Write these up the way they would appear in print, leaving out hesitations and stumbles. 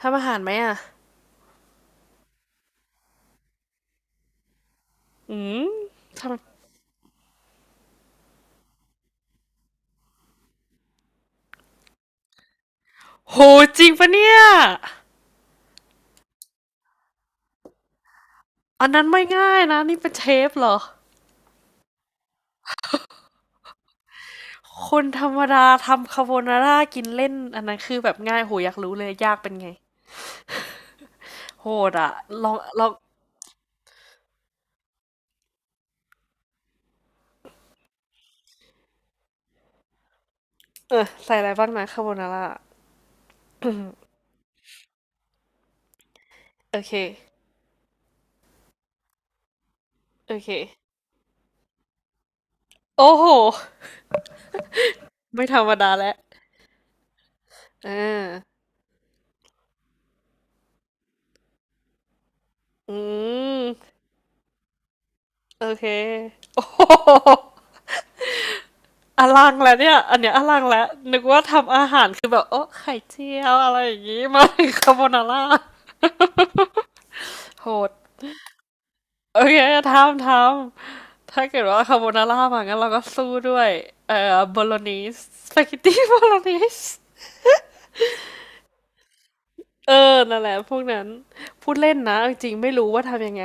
ทำอาหารไหมอ่ะ อืม ทำ โหจริงปะเนี่ย อันนั้นไม่ง่ายนะนี่เป็นเชฟเหรอ คนธรรมดาทำคาโบนาร่ากินเล่นอันนั้นคือแบบง่ายโหอยากรู้เลยยากเป็นไง โหดอะลองลองเออใส่อะไรบ้างนะคาโบนาร่าโอเค โอเค โอ้โห ไม่ธรรมดาแล้วเอออืม โอเคโอ้โห อลังแล้วเนี่ยอันเนี้ยอลังแล้วนึกว่าทำอาหารคือแบบโอ้ไข่เจียวอะไรอย่างงี้มาคาโบนาร่าโหดโอเคทำถ้าเกิดว่าคาโบนาร่ามางั้นเราก็สู้ด้วยโบโลนีสสปา เกตตี้โบโลนีสเออนั่นแหละพวกนั้นพูดเล่นนะจริงๆไม่รู้ว่าทำยังไง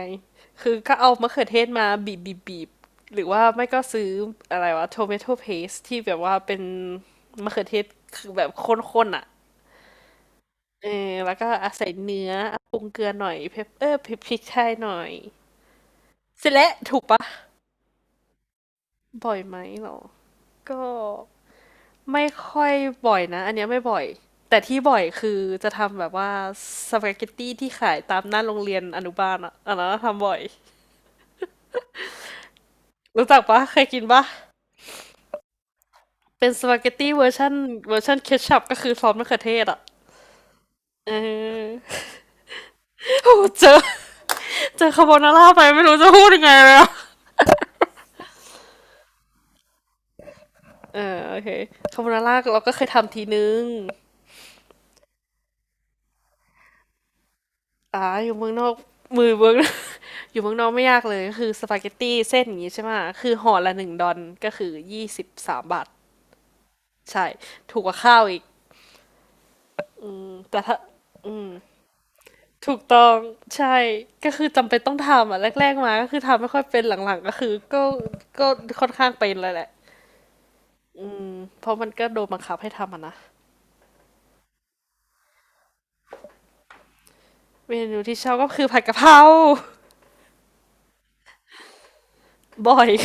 คือก็เอามะเขือเทศมาบีบบีบบีบหรือว่าไม่ก็ซื้ออะไรวะ t o เ a t o p a s t ที่แบบว่าเป็นมะเขือเทศคือแบบข้นๆอ่ะ เออแล้วก็อะใส่เนื้ออะปรุงเกลือหน่อย pep เออพริกไทยหน่อยเสร็จแล้วถูกเปล่าบ่อยไหมเหรอ ก็ไม่ค่อยบ่อยนะอันเนี้ยไม่บ่อยแต่ที่บ่อยคือจะทำแบบว่าสปาเกตตีที่ขายตามหน้าโรงเรียนอนุบาลอะอันนั้นน่ะทำบ่อยรู้จักเปล่าเคยกินเปล่าเป็นสปาเกตตีเวอร์ชัน Ketchup ก็คือซอสมะเขือเทศอะเออโอ้โฮเจอคาร์โบนาราไปไม่รู้จะพูดยังไงเลยอะเออโอเคคาร์โบนาราเราก็เคยทำทีหนึ่ง อ่าอยู่เมืองนอกมือเมือง อยู่เมืองนอกไม่ยากเลยก็คือสปาเกตตี้เส้นอย่างนี้ใช่ไหมคือห่อละหนึ่งดอนก็คือ23 บาทใช่ถูกกว่าข้าวอีกแต่ถ้าอืมถูกต้องใช่ก็คือจำเป็นต้องทำอ่ะแรกๆมาก็คือทำไม่ค่อยเป็นหลังๆก็คือก็ค่อนข้างเป็นเลยแหละเพราะมันก็โดนบังคับให้ทำอ่ะนะเมนูที่ชอบก็คือผัดกะเพรา บ่อย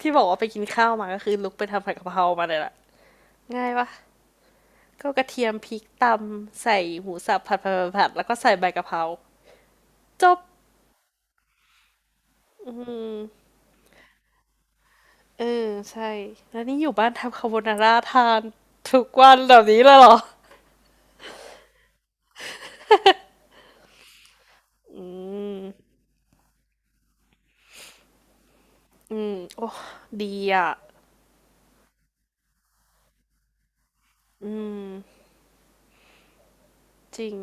ที่บอกว่าไปกินข้าวมาก็คือลุกไปทำผัดกะเพรามาเลยแหละง่ายปะ ก็กระเทียมพริกตำใส่หมูสับผัดแล้วก็ใส่ใบกะเพราจบเออใช่แล้วนี่อยู่บ้านทำคาโบนาร่าทานทุกวันแบบนี้เลยเหรออืมโอ้ดีอ่ะอืมจริง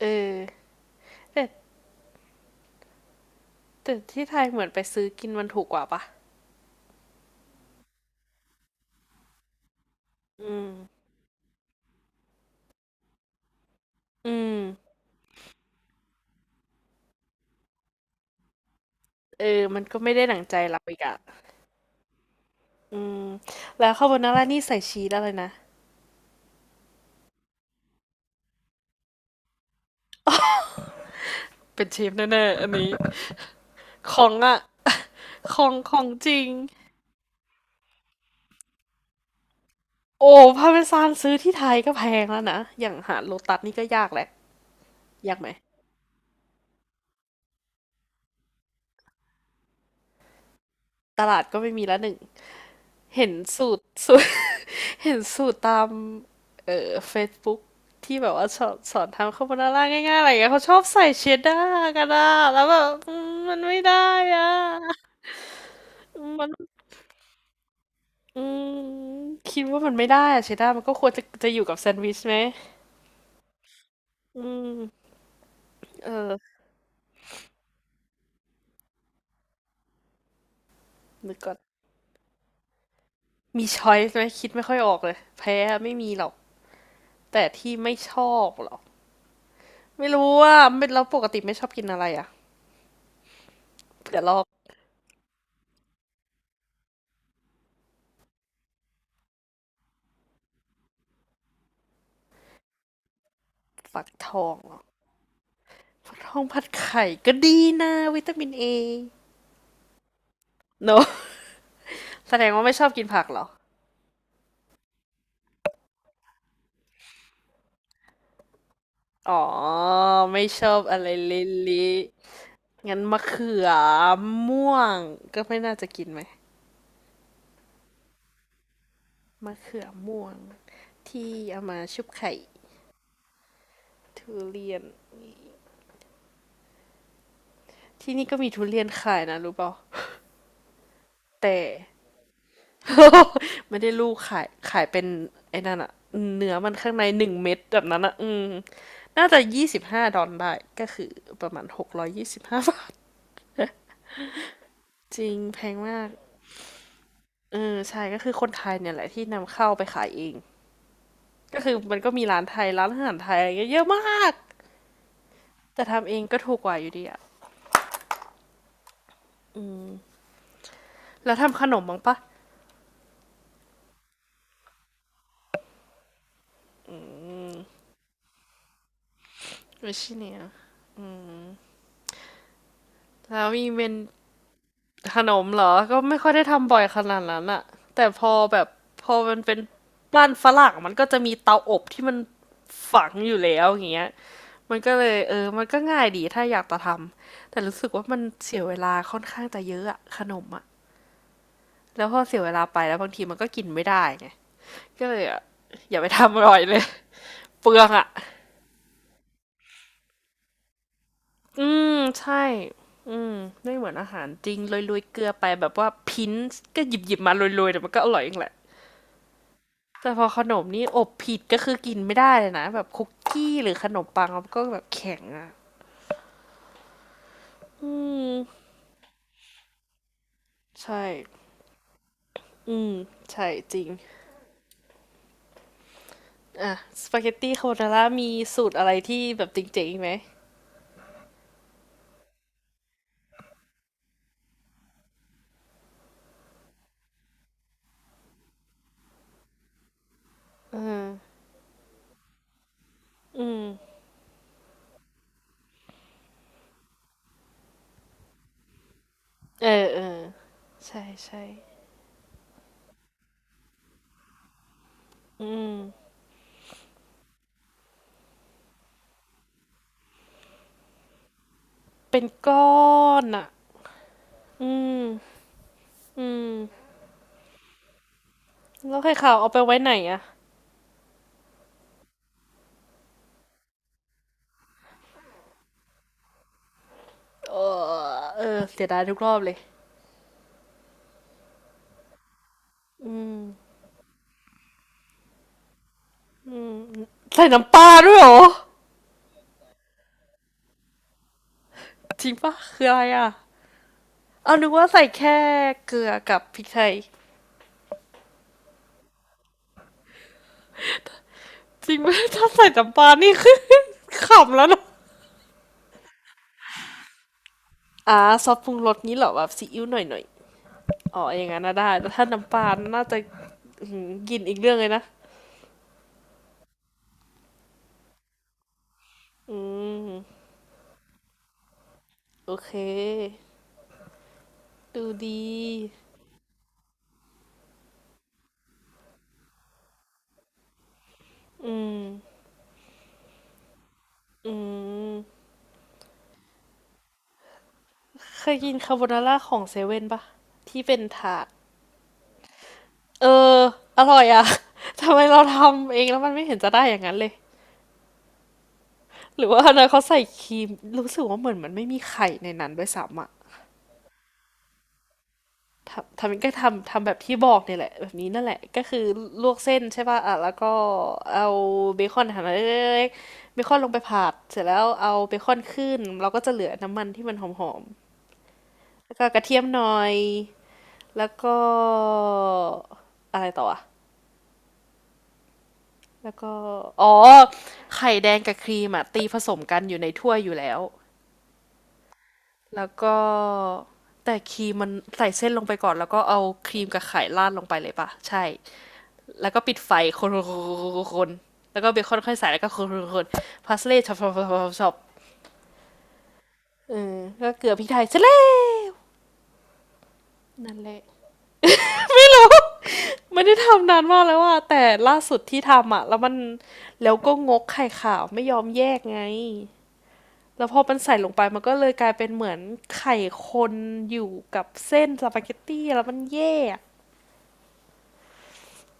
เออแต่แต่ที่ไทยเหมือนไปซื้อกินมันถูกกว่าปะอืมอืมเออมันก็ไม่ได้หนังใจเราอีกอ่ะอืมแล้วคาโบนาร่านี่ใส่ชีสอะไรนะเป็นชีสแน่ๆอันนี้ของอ่ะ ของของจริง โอ้พาเมซานซื้อที่ไทยก็แพงแล้วนะ อย่างหาโลตัสนี่ก็ยากแหละยากไหม ตลาดก็ไม่มีละหนึ่ง เห็นสูตร สูตร เห็นสูตรตามFacebook ที่แบบว่าสอนทำคาโบนาร่าง่ายๆอะไรอย่างเงี้ยเขาชอบใส่เชดดาร์กันอะแล้วแบบอืมมันไม่ได้อะมัน อืม คิดว่ามันไม่ได้อะเชดดาร์มันก็ควรจะอยู่กับแซนด์วิชไหมอืมเออนึกก่อนมีช้อยส์ไหมคิดไม่ค่อยออกเลยแพ้อะไม่มีหรอก แต่ที่ไม่ชอบหรอไม่รู้ว่าเป็นเราปกติไม่ชอบกินอะไรอะ่ะเผื่อลอกฝักทองหรอฝักทองผัดไข่ก็ดีนะวิตามินเอโนแสดงว่าไม่ชอบกินผักหรออ๋อไม่ชอบอะไรเละๆงั้นมะเขือม่วงก็ไม่น่าจะกินไหมมะเขือม่วงที่เอามาชุบไข่ทุเรียนที่นี่ก็มีทุเรียนขายนะรู้เปล่าแต่ ไม่ได้ลูกขายเป็นไอ้นั่นอะเนื้อมันข้างในหนึ่งเม็ดแบบนั้นอะอืมน่าจะ25 ดอลลาร์ได้ก็คือประมาณ625 บาท จริงแพงมากเออใช่ก็คือคนไทยเนี่ยแหละที่นำเข้าไปขายเองก็คือมันก็มีร้านไทยร้านอาหารไทยอะไรเงี้ยเยอะมากแต่ทำเองก็ถูกกว่าอยู่ดีอะแล้วทำขนมบ้างปะไม่ใช่เนี่ยแล้วมีเมน ขนมเหรอก็ไม่ค่อยได้ทำบ่อยขนาดนั้นอะแต่พอแบบพอมันเป็นบ้านฝรั่งมันก็จะมีเตาอบที่มันฝังอยู่แล้วอย่างเงี้ยมันก็เลยเออมันก็ง่ายดีถ้าอยากจะทำแต่รู้สึกว่ามันเสียเวลาค่อนข้างจะเยอะอะขนมอะแล้วพอเสียเวลาไปแล้วบางทีมันก็กินไม่ได้ไงก็เลยอะอย่าไปทำอร่อยเลย เปลืองอะอืมใช่อืมไม่เหมือนอาหารจริงโรยๆเกลือไปแบบว่าพิ้นก็หยิบๆมาโรยๆแต่มันก็อร่อยเองแหละ แต่พอขนมนี่อบผิดก็คือกินไม่ได้เลยนะแบบคุกกี้หรือขนมปังมันก็แบบแข็งอ่ะอืมใช่อืมใช่จริงอ่ะสปาเกตตี้คาโบนาร่ามีสูตรอะไรที่แบบจริงๆไหมอืมเออเออใช่ใช่อืมเป็นก้อนอ่ะอืมอืมแล้วไข่ขาวเอาไปไว้ไหนอ่ะเออเสียดายทุกรอบเลยใส่น้ำปลาด้วยเหรอจริงปะคืออะไรอ่ะเอานึกว่าใส่แค่เกลือกับพริกไทย จริงไหมถ้าใส่น้ำปลานี่คือขำแล้วนะซอสปรุงรสนี้เหรอแบบซีอิ๊วหน่อยหน่อยๆอ๋ออย่างนั้นนะได้แต่ถ้าน้ำปลาน่าจะกินอีกเรื่องเลยนะอืมโอเคดูดีอืมอืมเคยกินคาโบนาร่าของเซเว่นปะที่เป็นถาดเอออร่อยอะ ทำไมเราทำเองแล้วมันไม่เห็นจะได้อย่างนั้นเลยหรือว่าอันนั้นเขาใส่ครีมรู้สึกว่าเหมือนมันไม่มีไข่ในนั้นด้วยซ้ำอะ ทำก็ทำแบบที่บอกเนี่ยแหละแบบนี้นั่นแหละก็คือลวกเส้นใช่ป่ะอ่ะแล้วก็เอาเบคอนหั่นเล็กๆเบคอนลงไปผัดเสร็จแล้วเอาเบคอนขึ้นเราก็จะเหลือน้ำมันที่มันหอมๆแล้วก็กระเทียมหน่อยแล้วก็อะไรต่ออ่ะแล้วก็อ๋อไข่แดงกับครีมอ่ะตีผสมกันอยู่ในถ้วยอยู่แล้วแล้วก็แต่ครีมมันใส่เส้นลงไปก่อนแล้วก็เอาครีมกับไข่ราดลงไปเลยป่ะใช่ แล้วก็ปิดไฟคนคนแล้วก็เบคอนค่อยใส่แล้วก็คนพาสเล่ช็อปชอเออก็เกลือพริกไทยเสร็แล้วนั่นแหละไม่ได้ทำนานมากแล้วอ่ะแต่ล่าสุดที่ทำอ่ะแล้วมันแล้วก็งกไข่ขาวไม่ยอมแยกไงแล้วพอมันใส่ลงไปมันก็เลยกลายเป็นเหมือนไข่คนอยู่กับเส้นสปาเกตตี้แล้วมันแยก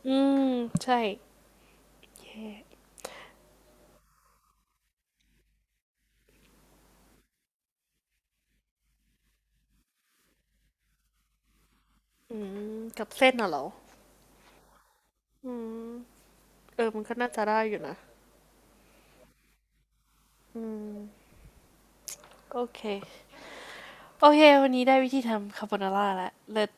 อืมใช่อืมกับเส้นน่ะเหรอเออมันก็น่าจะได้อยู่นะโอเค โอเค วันนี้ได้วิธีทำคาโบนาร่าแล้วเลิศ